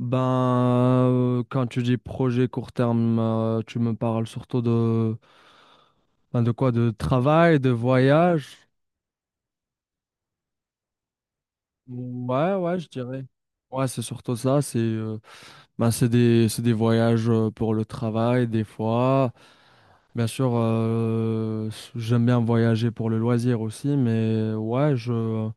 Ben, Quand tu dis projet court terme, tu me parles surtout de, ben, de quoi? De travail, de voyage? Ouais, ouais, je dirais. Ouais, c'est surtout ça. C'est des voyages pour le travail, des fois. Bien sûr, j'aime bien voyager pour le loisir aussi, mais ouais,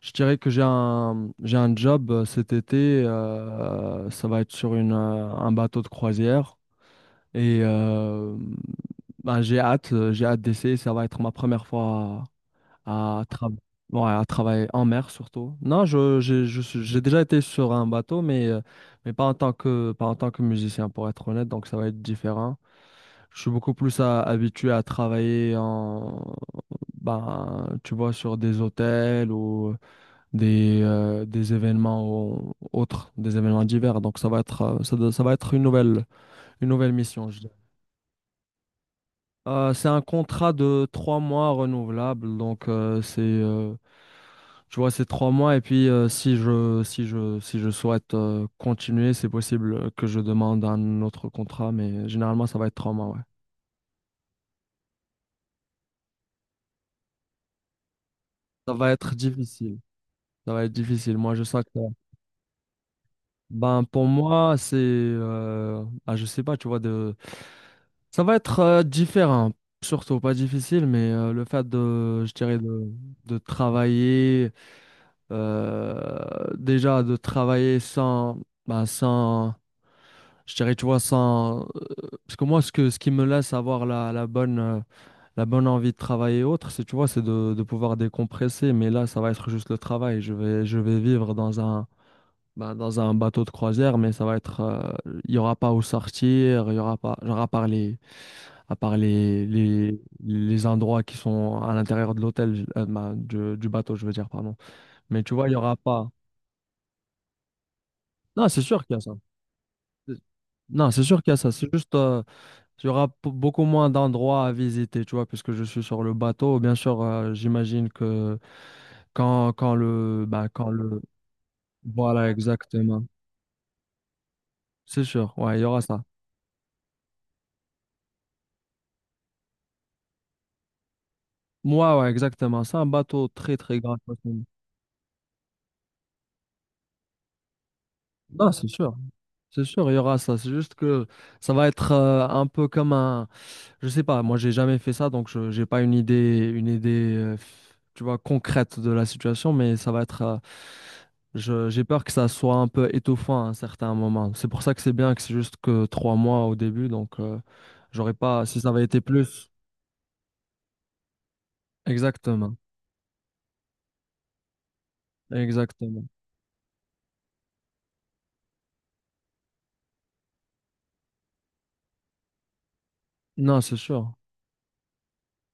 je dirais que j'ai un job cet été. Ça va être sur un bateau de croisière. Et euh, j'ai hâte d'essayer. Ça va être ma première fois à, à, tra- ouais, à travailler en mer surtout. Non, je, j'ai, je suis- j'ai déjà été sur un bateau, mais pas en tant que musicien, pour être honnête. Donc ça va être différent. Je suis habitué à travailler en, tu vois, sur des hôtels ou des événements autres, des événements divers. Donc ça va être, ça va être une nouvelle mission. C'est un contrat de trois mois renouvelable, tu vois, c'est trois mois et puis si si je souhaite continuer, c'est possible que je demande un autre contrat, mais généralement ça va être trois mois, ouais. Ça va être difficile. Ça va être difficile. Moi, je sens que, ben, pour moi, je sais pas, tu vois, de, ça va être différent. Surtout pas difficile, mais le fait de, je dirais, de travailler. Déjà de travailler sans, bah, sans, je dirais, tu vois, sans, parce que moi, ce qui me laisse avoir la bonne envie de travailler et autres, c'est, tu vois, c'est de pouvoir décompresser, mais là, ça va être juste le travail. Je vais vivre dans un, bah, dans un bateau de croisière, mais ça va être, il y aura pas où sortir, il y aura pas, genre, à part les endroits qui sont à l'intérieur de l'hôtel, bah, du bateau, je veux dire, pardon. Mais tu vois, il y aura pas. Non, c'est sûr qu'il y a ça. Non, c'est sûr qu'il y a ça. C'est juste, il y aura beaucoup moins d'endroits à visiter, tu vois, puisque je suis sur le bateau. Bien sûr, j'imagine que quand, quand le, bah, quand le, voilà, exactement. C'est sûr, ouais, il y aura ça. Moi, ouais, exactement. C'est un bateau très, très grand. Non, c'est sûr. C'est sûr, il y aura ça. C'est juste que ça va être un peu comme un. Je sais pas, moi j'ai jamais fait ça, donc je j'ai pas une idée, tu vois, concrète de la situation, mais ça va être. Je- j'ai peur que ça soit un peu étouffant à un certain moment. C'est pour ça que c'est bien que c'est juste que trois mois au début, j'aurais pas. Si ça avait été plus. Exactement. Exactement. Non, c'est sûr.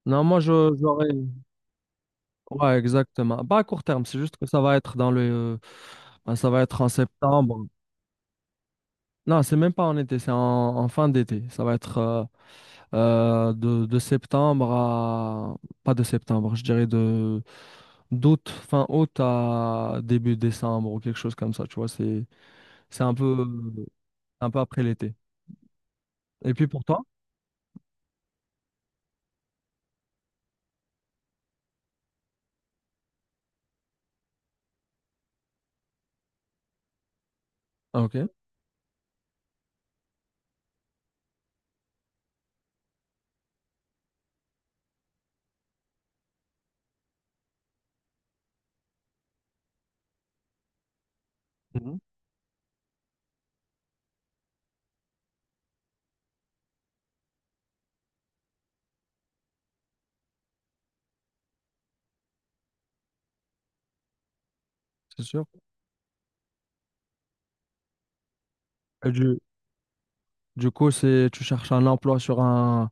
Non, moi je j'aurais. Ouais, exactement. Pas à court terme, c'est juste que ça va être dans le. Ben, ça va être en septembre. Non, c'est même pas en été, c'est en, en fin d'été. Ça va être de septembre à... Pas de septembre, je dirais de d'août, fin août à début décembre ou quelque chose comme ça, tu vois. C'est un peu après l'été. Et puis pour toi? Ah, ok. Mhm. C'est sûr. Et du coup, c'est, tu cherches un emploi sur un,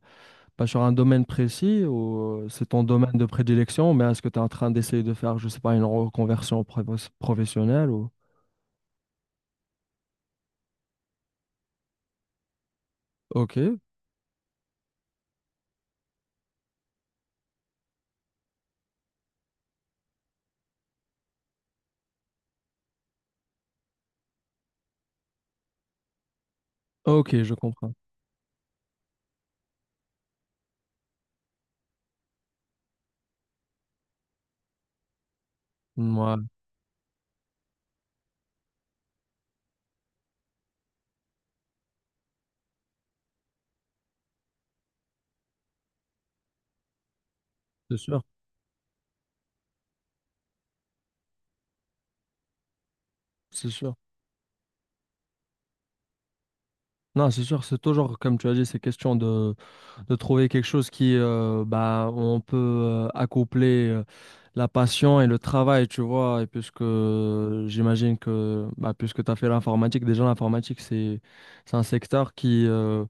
pas sur un domaine précis ou c'est ton domaine de prédilection, mais est-ce que tu es en train d'essayer de faire, je sais pas, une reconversion professionnelle ou... Ok, ok, je comprends. Ouais, c'est sûr, c'est sûr. Non, c'est sûr, c'est toujours, comme tu as dit, c'est question de trouver quelque chose qui, bah, on peut accoupler la passion et le travail, tu vois, et puisque j'imagine que, bah, puisque tu as fait l'informatique, déjà l'informatique, c'est un secteur qui...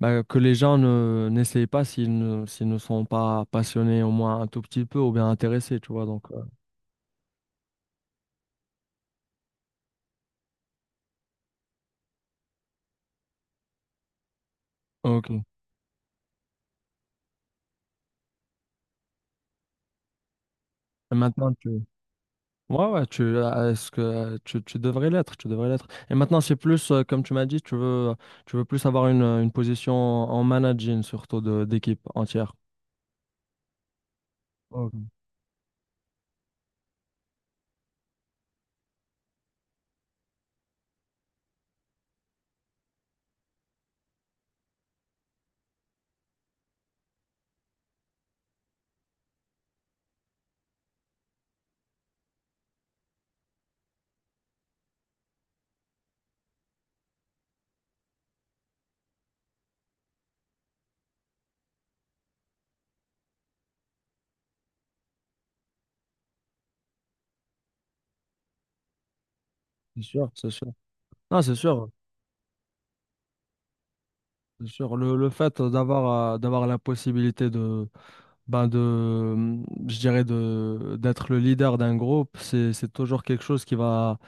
Bah, que les gens ne n'essayent pas s'ils ne, s'ils ne sont pas passionnés au moins un tout petit peu ou bien intéressés, tu vois. Ok. Et maintenant, tu... Ouais, ouais, est-ce que tu devrais l'être, tu devrais l'être. Et maintenant, c'est plus, comme tu m'as dit, tu veux plus avoir une position en managing, surtout de, d'équipe entière. Ok. C'est sûr, c'est sûr. Non, c'est sûr, c'est sûr. Le fait d'avoir, d'avoir la possibilité de, ben de, je dirais de d'être le leader d'un groupe, c'est toujours quelque chose qui va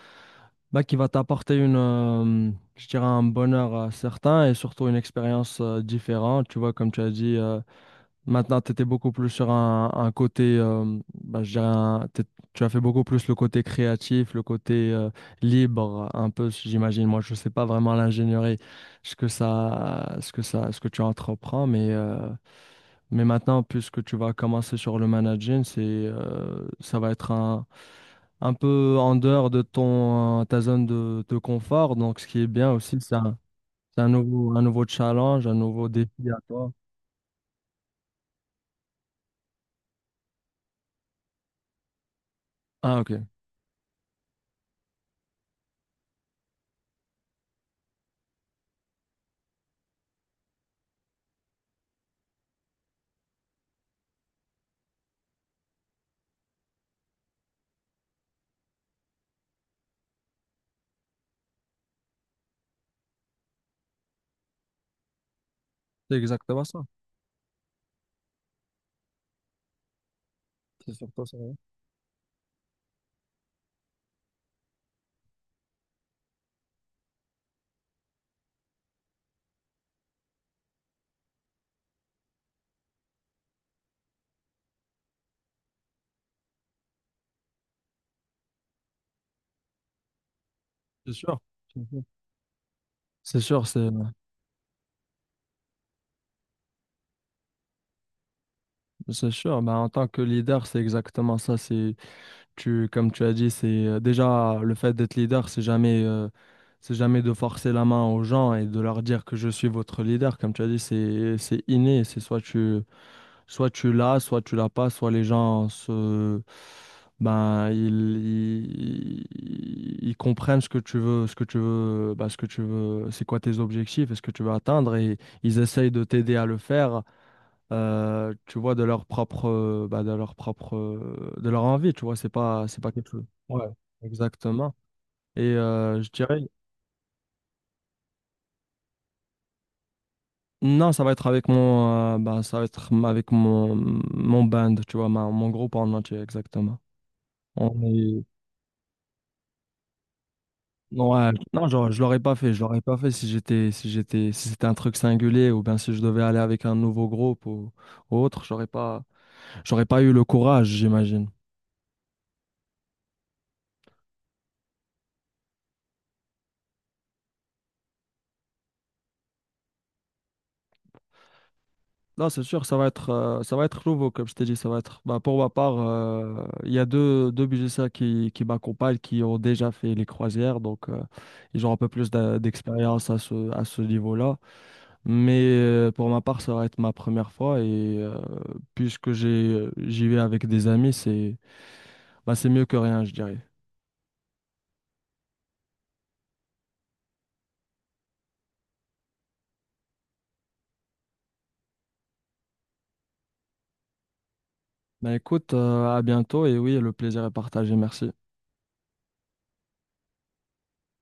bah, qui va t'apporter une je dirais un bonheur certain et surtout une expérience différente. Tu vois, comme tu as dit, maintenant tu étais beaucoup plus sur un côté je dirais tu as fait beaucoup plus le côté créatif, le côté libre un peu j'imagine. Moi, je sais pas vraiment l'ingénierie, ce que tu entreprends mais maintenant, puisque tu vas commencer sur le managing, ça va être un peu en dehors de ton, ta zone de confort. Donc, ce qui est bien aussi, c'est un nouveau challenge, un nouveau défi à toi. Ah, ok. C'est exactement ça. C'est surtout ça. Ouais. C'est sûr. C'est sûr, c'est sûr. Bah, en tant que leader, c'est exactement ça. C'est tu, comme tu as dit, c'est déjà le fait d'être leader, c'est jamais de forcer la main aux gens et de leur dire que je suis votre leader. Comme tu as dit, c'est inné. C'est soit tu l'as pas, soit les gens se, ben, ils comprennent ce que tu veux, ce que tu veux, c'est quoi tes objectifs et ce que tu veux atteindre et ils essayent de t'aider à le faire tu vois, de leur propre, de leur propre, de leur envie, tu vois, c'est pas quelque chose. Ouais, exactement. Je dirais, non, ça va être avec mon, ça va être avec mon, mon band, tu vois, mon groupe en entier, exactement. On est, ouais, non, genre, je l'aurais pas fait, je l'aurais pas fait si j'étais, si c'était un truc singulier ou bien si je devais aller avec un nouveau groupe ou autre, j'aurais pas eu le courage, j'imagine. Non, c'est sûr, ça va être nouveau, comme je t'ai dit, ça va être. Bah, pour ma part, il y a deux musiciens qui m'accompagnent, qui ont déjà fait les croisières, ils ont un peu plus d'expérience à ce niveau-là. Mais pour ma part, ça va être ma première fois et puisque j'ai, j'y vais avec des amis, c'est, bah, c'est mieux que rien, je dirais. Bah écoute, à bientôt et oui, le plaisir est partagé, merci.